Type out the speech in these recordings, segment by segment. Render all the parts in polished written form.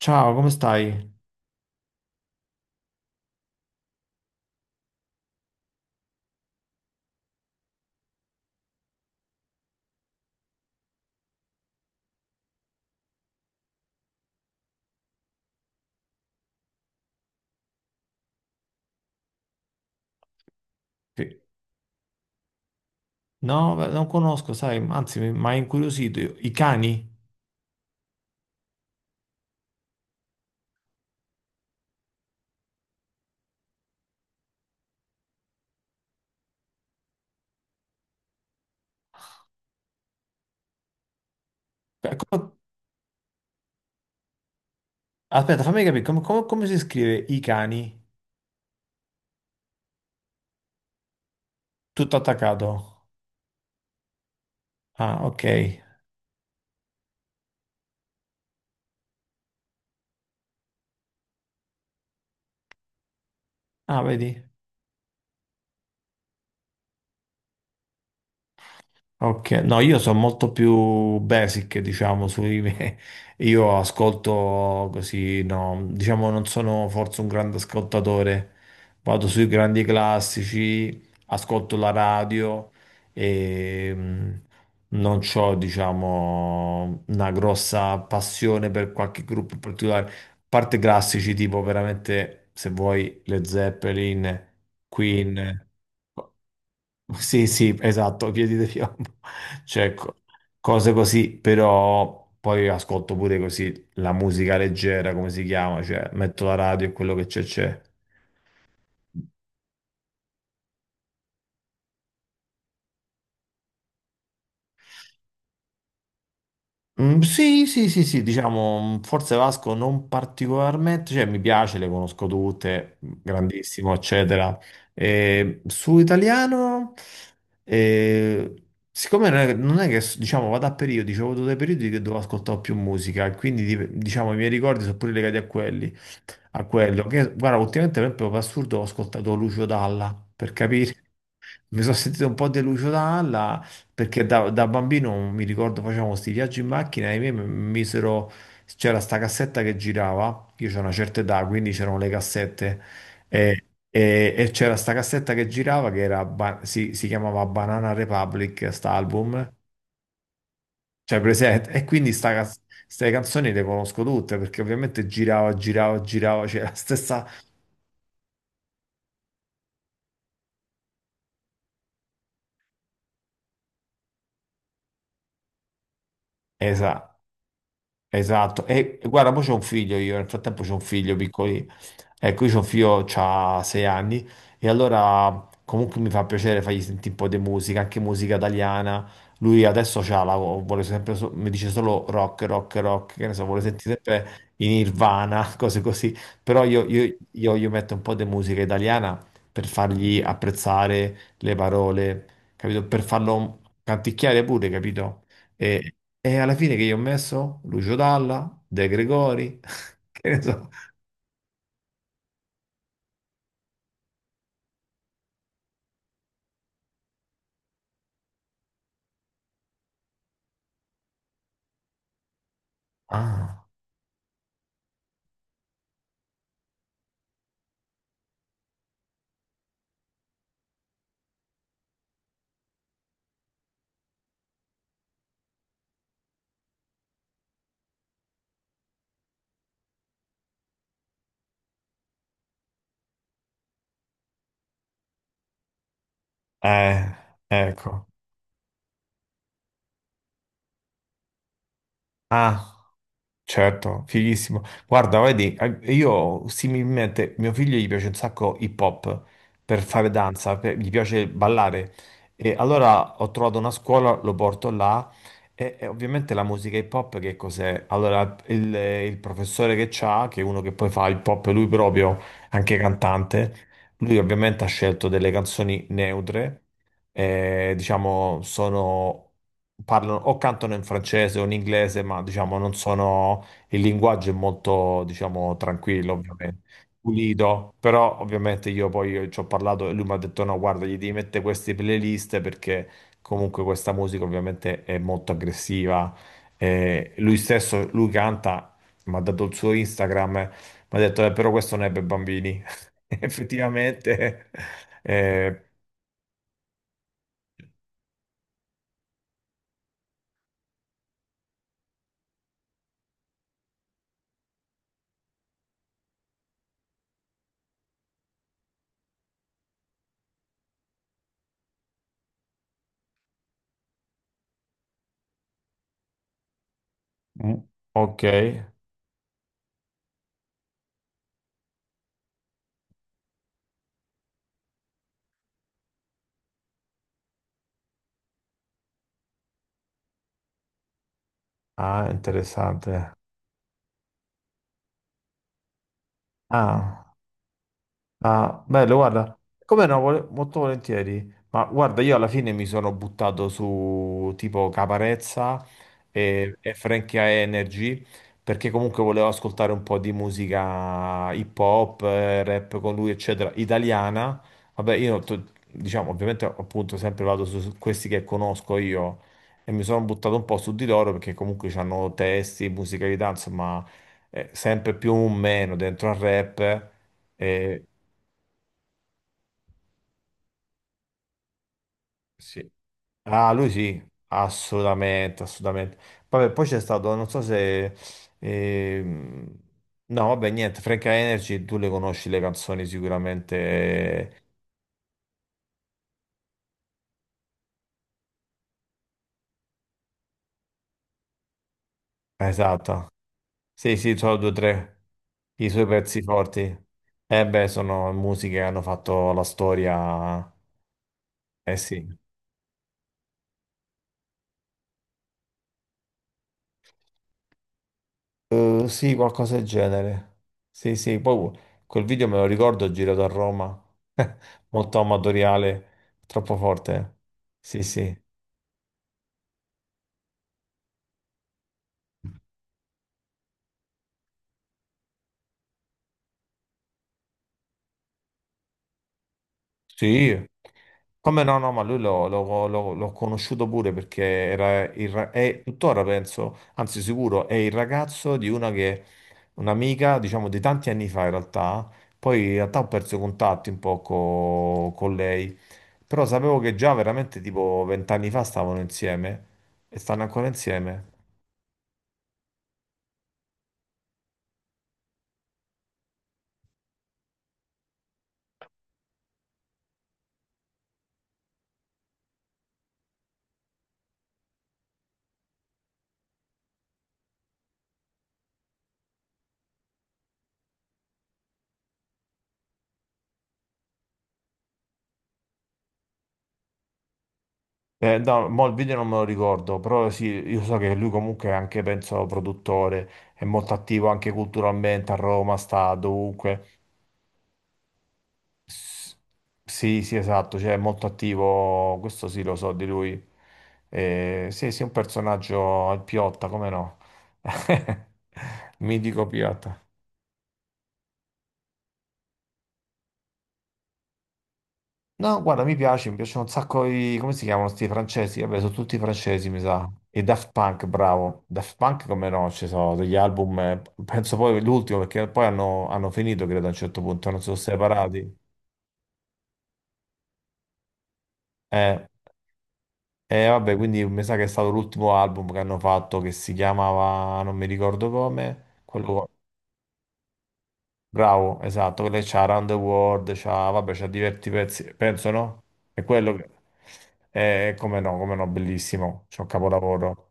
Ciao, come stai? Che- No, beh, non conosco, sai, anzi, mi ha incuriosito. I cani? Beh, Aspetta, fammi capire, come si scrive i cani? Tutto attaccato. Ah, ok. Ah, vedi? Ok, no, io sono molto più basic, diciamo, sui me. Io ascolto così, no, diciamo non sono forse un grande ascoltatore. Vado sui grandi classici, ascolto la radio e non ho, diciamo, una grossa passione per qualche gruppo particolare parte classici tipo veramente, se vuoi, le Zeppelin, Queen. Sì, sì, esatto, Piedi di Piombo. Cioè, cose così, però poi ascolto pure così la musica leggera, come si chiama, cioè metto la radio e quello che c'è c'è. Mm, sì, sì, sì, sì, diciamo, forse Vasco non particolarmente, cioè mi piace, le conosco tutte, grandissimo, eccetera. Su italiano, eh, siccome non è che, diciamo, vado a periodi, c'ho avuto dei periodi che dovevo ascoltare più musica, e quindi, diciamo, i miei ricordi sono pure legati a quelli, a quello. Che, guarda, ultimamente, per esempio, per assurdo, ho ascoltato Lucio Dalla, per capire. Mi sono sentito un po' deluso da Anna perché da bambino mi ricordo facevamo questi viaggi in macchina e i miei mi misero, c'era sta cassetta che girava, io c'ho una certa età, quindi c'erano le cassette e, e c'era sta cassetta che girava che era si chiamava Banana Republic, sta album, cioè presente, e quindi ste canzoni le conosco tutte perché ovviamente girava, girava, girava, c'era la stessa... Esatto. Esatto, e guarda, mo c'ho un figlio io, nel frattempo c'ho un figlio piccoli, ecco, io c'ho un figlio, c'ha 6 anni, e allora comunque mi fa piacere fargli sentire un po' di musica, anche musica italiana, lui adesso c'ha la, vuole sempre, mi dice solo rock, rock, rock, che ne so, vuole sentire sempre in Nirvana, cose così, però io gli metto un po' di musica italiana per fargli apprezzare le parole, capito? Per farlo canticchiare pure, capito? E, e alla fine che io ho messo? Lucio Dalla, De Gregori, che ne so. Ah, eh, ecco. Ah. Certo, fighissimo. Guarda, vedi, io similmente, mio figlio gli piace un sacco hip hop per fare danza, gli piace ballare. E allora ho trovato una scuola, lo porto là e ovviamente la musica hip hop che cos'è? Allora il professore che c'ha, che è uno che poi fa hip hop, lui proprio, anche cantante, lui ovviamente ha scelto delle canzoni neutre diciamo, sono, parlano o cantano in francese o in inglese, ma diciamo non sono, il linguaggio è molto, diciamo, tranquillo, ovviamente. Pulito, però ovviamente io poi io ci ho parlato e lui mi ha detto: No, guarda, gli devi mettere queste playlist perché comunque questa musica ovviamente è molto aggressiva. Lui stesso, lui canta, mi ha dato il suo Instagram, mi ha detto: però questo non è per bambini. Effettivamente, eh, Mm, Ok, ah, interessante. Ah, ah, bello, guarda, come no, molto volentieri. Ma guarda, io alla fine mi sono buttato su tipo Caparezza e Frankie Energy perché comunque volevo ascoltare un po' di musica hip hop, rap con lui, eccetera, italiana. Vabbè, io diciamo, ovviamente appunto sempre vado su questi che conosco io e mi sono buttato un po' su di loro perché comunque hanno testi, musicalità, insomma, sempre più o meno dentro al rap. eh, Sì. Ah, lui sì, assolutamente, assolutamente. Vabbè, poi c'è stato, non so se... ehm, No, vabbè, niente, Frank Energy, tu le conosci le canzoni sicuramente. Esatto. Sì, sì, sono due o tre i suoi pezzi forti. Eh beh, sono musiche che hanno fatto la storia. Eh sì. Sì, qualcosa del genere. Sì, sì, poi quel video me lo ricordo girato a Roma, molto amatoriale, troppo forte. Sì, sì. Sì, come no, no, ma lui l'ho conosciuto pure perché era è tuttora, penso, anzi sicuro, è il ragazzo di una che, un'amica, diciamo, di tanti anni fa in realtà, poi in realtà ho perso contatti un po' con lei, però sapevo che già veramente tipo 20 anni fa stavano insieme e stanno ancora insieme. No, mo il video non me lo ricordo, però sì, io so che lui comunque è anche, penso, produttore, è molto attivo anche culturalmente a Roma, sta dovunque. S- Sì, sì, esatto, cioè è molto attivo, questo sì lo so di lui. Sì, sì, un personaggio, il Piotta, come no? Mitico Piotta. No, guarda, mi piace, mi piacciono un sacco i... come si chiamano sti francesi? Vabbè, sono tutti francesi, mi sa. E Daft Punk, bravo. Daft Punk come no, ci sono degli album, penso poi l'ultimo, perché poi hanno finito, credo, a un certo punto, non sono separati. Eh. E vabbè, quindi mi sa che è stato l'ultimo album che hanno fatto che si chiamava, non mi ricordo come, quello, bravo, esatto, quello che c'ha Around the World, c'ha, vabbè, c'ha diversi pezzi, penso no? È quello che, è come no, come no, bellissimo, c'è un capolavoro.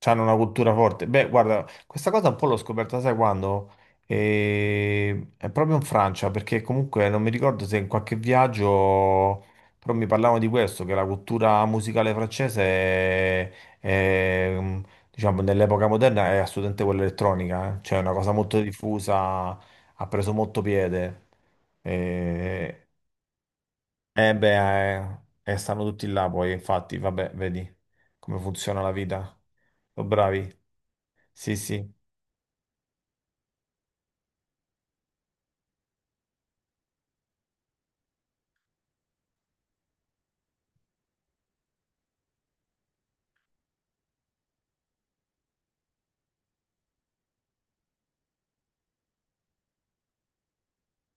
C'hanno una cultura forte. Beh, guarda, questa cosa un po' l'ho scoperta, sai quando? È proprio in Francia, perché comunque non mi ricordo se in qualche viaggio, però mi parlavano di questo, che la cultura musicale francese è, diciamo, nell'epoca moderna è assolutamente quella elettronica, eh. Cioè è una cosa molto diffusa, ha preso molto piede. Eh, beh, stanno tutti là poi, infatti, vabbè, vedi come funziona la vita. Sono bravi. Sì, sì.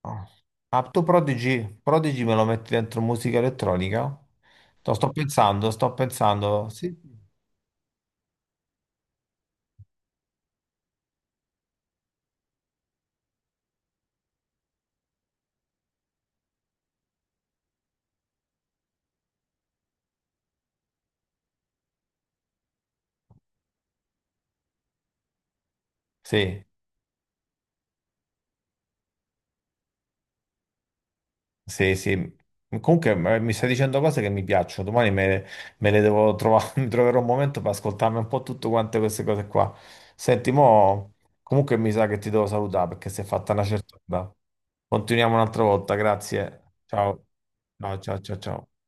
Oh. Ah, tu Prodigy, Prodigy me lo metti dentro musica elettronica? Sto pensando, sto pensando. Sì, sì, sì. Sì. Comunque mi stai dicendo cose che mi piacciono. Domani me le devo trovare, mi troverò un momento per ascoltarmi un po' tutte quante queste cose qua. Senti, mo, comunque mi sa che ti devo salutare perché si è fatta una certa ora. Continuiamo un'altra volta, grazie. Ciao. Ciao, ciao, ciao, ciao.